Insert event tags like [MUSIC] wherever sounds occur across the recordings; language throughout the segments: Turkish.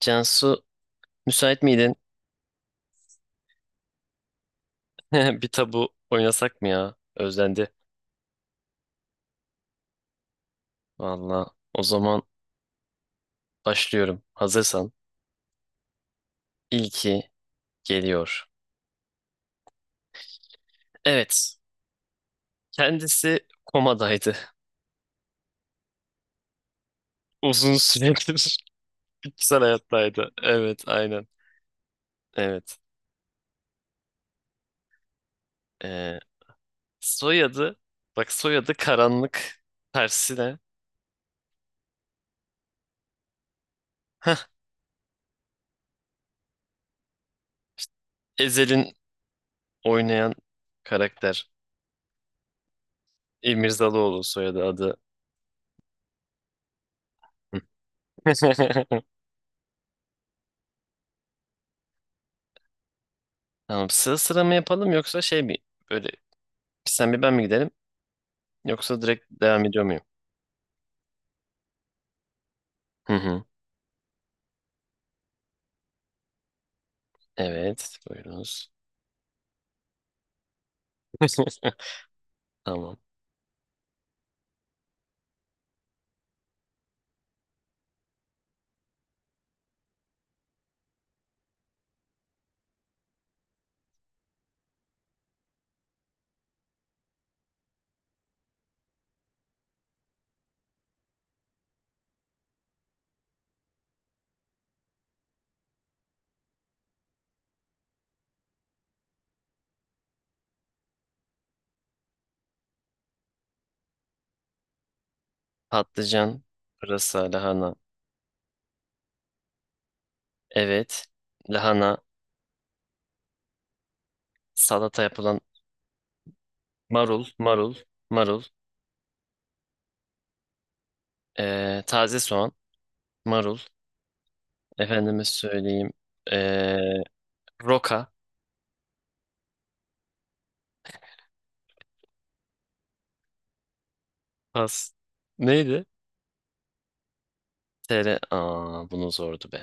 Cansu, müsait miydin? [LAUGHS] Bir tabu oynasak mı ya? Özlendi. Valla, o zaman başlıyorum. Hazırsan. İlki geliyor. Evet. Kendisi komadaydı. [LAUGHS] Uzun süredir [LAUGHS] bitkisel hayattaydı. Evet, aynen. Evet. Ee, Soyadı. Bak, soyadı karanlık. Tersine. Hah, Ezel'in oynayan karakter. İmirzalıoğlu soyadı adı. [LAUGHS] Tamam, sıra sıra mı yapalım yoksa şey mi? Böyle, sen bir ben mi gidelim? Yoksa direkt devam ediyor muyum? Hı hı. Evet, buyurunuz. [LAUGHS] Tamam. Patlıcan, pırasa, lahana. Evet. Lahana, salata yapılan marul, marul, marul. Taze soğan, marul. Efendime söyleyeyim. Ee, roka, pas. Neydi? TR. Aa, bunu zordu be.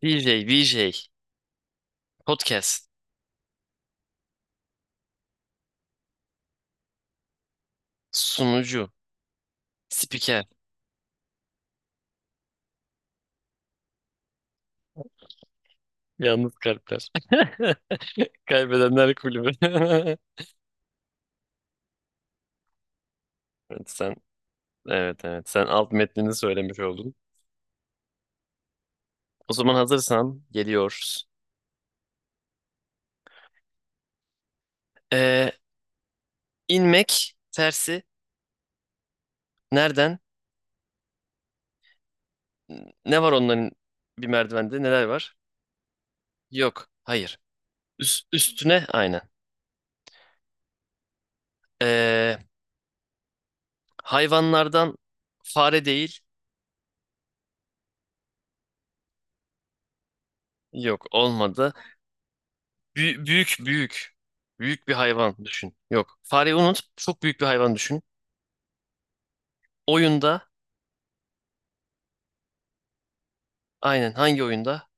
DJ, VJ, podcast, sunucu, spiker. Yalnız kalpler. [LAUGHS] Kaybedenler kulübü. [LAUGHS] Evet sen, evet sen alt metnini söylemiş oldun. O zaman hazırsan geliyoruz. Ee, inmek tersi nereden? Ne var onların, bir merdivende neler var? Yok. Hayır. Üst, üstüne aynen. Ee, hayvanlardan fare değil. Yok, olmadı. Büyük büyük. Büyük bir hayvan düşün. Yok. Fareyi unut. Çok büyük bir hayvan düşün. Oyunda. Aynen, hangi oyunda?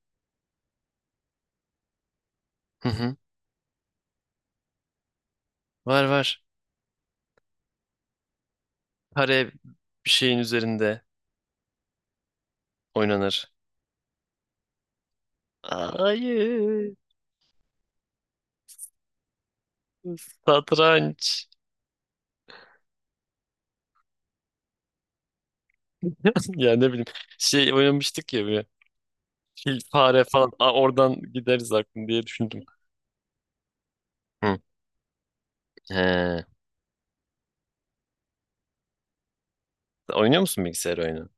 Hı hı. Var var. Kare bir şeyin üzerinde oynanır. Hayır. Satranç. [LAUGHS] Ya ne bileyim. Şey oynamıştık ya böyle. Fil, fare falan. Aa, oradan gideriz aklım diye düşündüm. Hı. He. Oynuyor musun bilgisayar oyunu?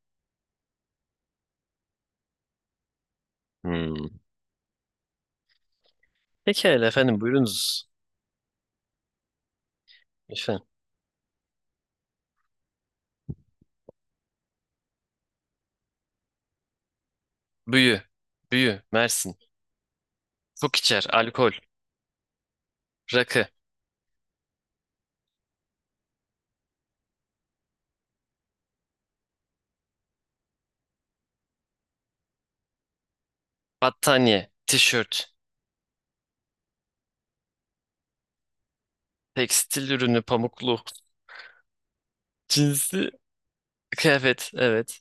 Hmm. Pekala efendim, buyurunuz. Efendim. Büyü. Büyü. Mersin. Çok içer. Alkol. Rakı. Battaniye. Tişört. Tekstil ürünü, pamuklu. Cinsi kıyafet. Evet.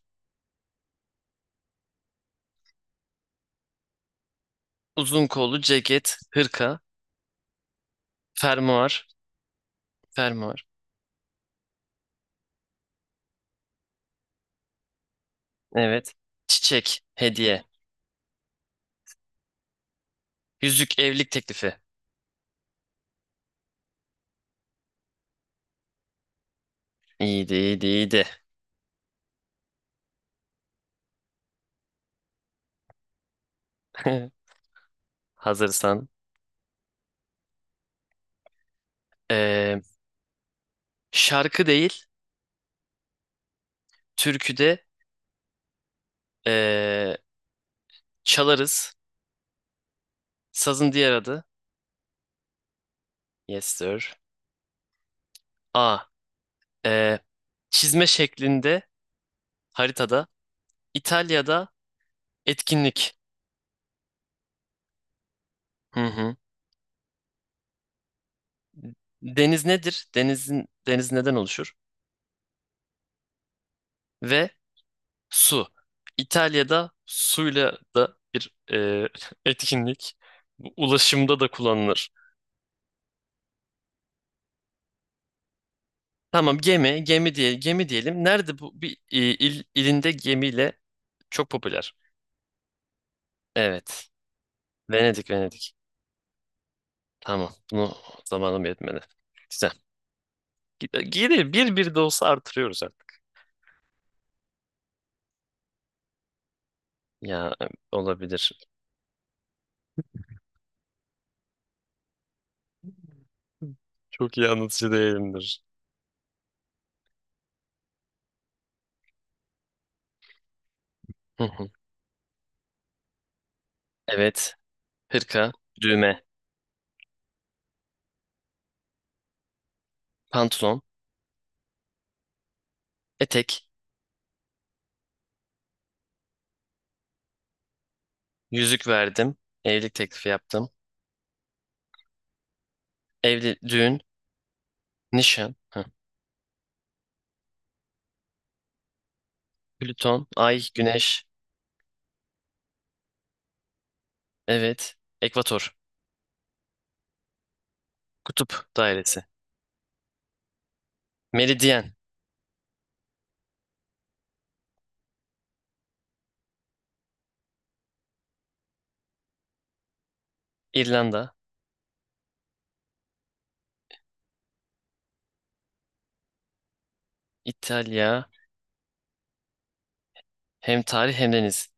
Uzun kollu ceket, hırka, fermuar, fermuar. Evet. Çiçek, hediye. Yüzük, evlilik teklifi. İyiydi, iyiydi, iyiydi. [LAUGHS] Hazırsan. Ee, şarkı değil, türkü de ee, çalarız. Sazın diğer adı. Yes sir. A. ee, çizme şeklinde haritada. İtalya'da etkinlik. Hı hı. Deniz nedir? Denizin, deniz neden oluşur? Ve su. İtalya'da suyla da bir [LAUGHS] etkinlik. Bu ulaşımda da kullanılır. Tamam, gemi, gemi diye gemi diyelim. Nerede bu bir il, ilinde gemiyle çok popüler. Evet. Venedik, Venedik. Tamam. Bunu zamanım yetmedi. Güzel. Geri bir bir de olsa artırıyoruz artık. Ya olabilir. Çok iyi anlatıcı değilimdir. Hı hı. Evet. Hırka, düğme, pantolon, etek. Yüzük verdim. Evlilik teklifi yaptım. Evli, düğün, nişan, hı. Plüton, ay, güneş, evet, ekvator, kutup dairesi, meridyen, İrlanda, İtalya, hem tarih hem deniz.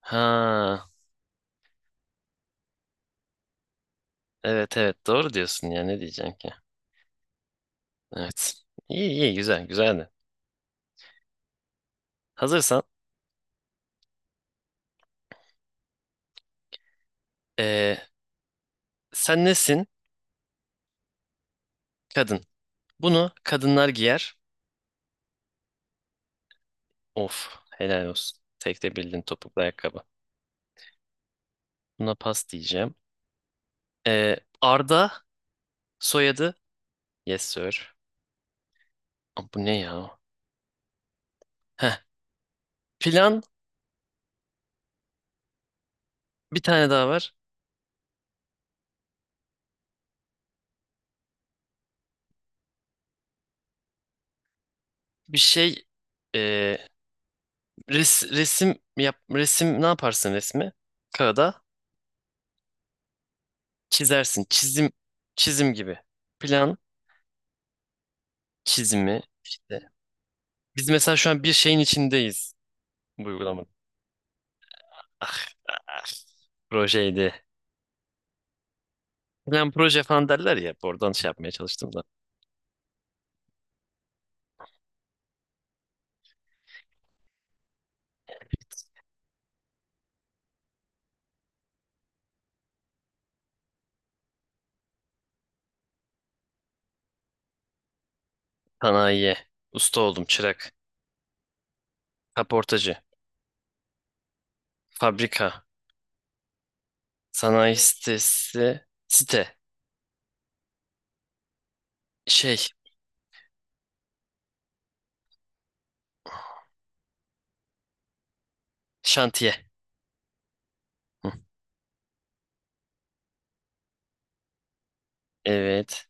Ha, evet doğru diyorsun ya, ne diyeceğim ki? Evet. İyi iyi, güzel güzeldi. Hazırsan eee, sen nesin? Kadın. Bunu kadınlar giyer. Of, helal olsun. Tek de bildin, topuklu ayakkabı. Buna pas diyeceğim. Arda soyadı. Yes sir. Aa, bu ne ya? Heh. Plan, bir tane daha var. Bir şey e, resim yap, resim ne yaparsın resmi? Kağıda çizersin. Çizim, çizim gibi. Plan çizimi işte. Biz mesela şu an bir şeyin içindeyiz, bu uygulamanın. Ah, ah, projeydi. Plan proje falan derler ya. Oradan şey yapmaya çalıştım da. Sanayiye. Usta oldum, çırak. Kaportacı. Fabrika. Sanayi sitesi. Site. Şey. Şantiye. Hı. Evet.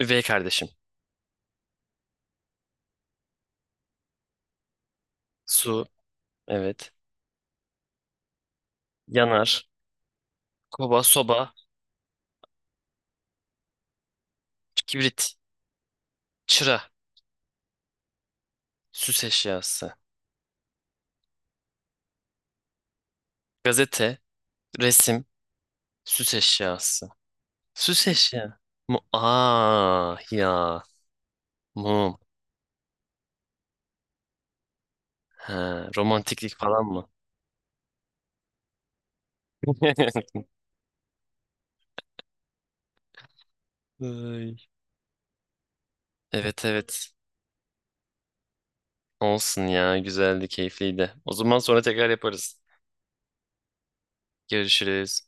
Üvey kardeşim. Su. Evet. Yanar. Kova, soba, kibrit, çıra, süs eşyası. Gazete, resim, süs eşyası. Süs eşya. Mu aa ya. Mum. Ha, romantiklik falan mı? [LAUGHS] Ay. Evet, evet. Olsun ya. Güzeldi, keyifliydi. O zaman sonra tekrar yaparız. Görüşürüz.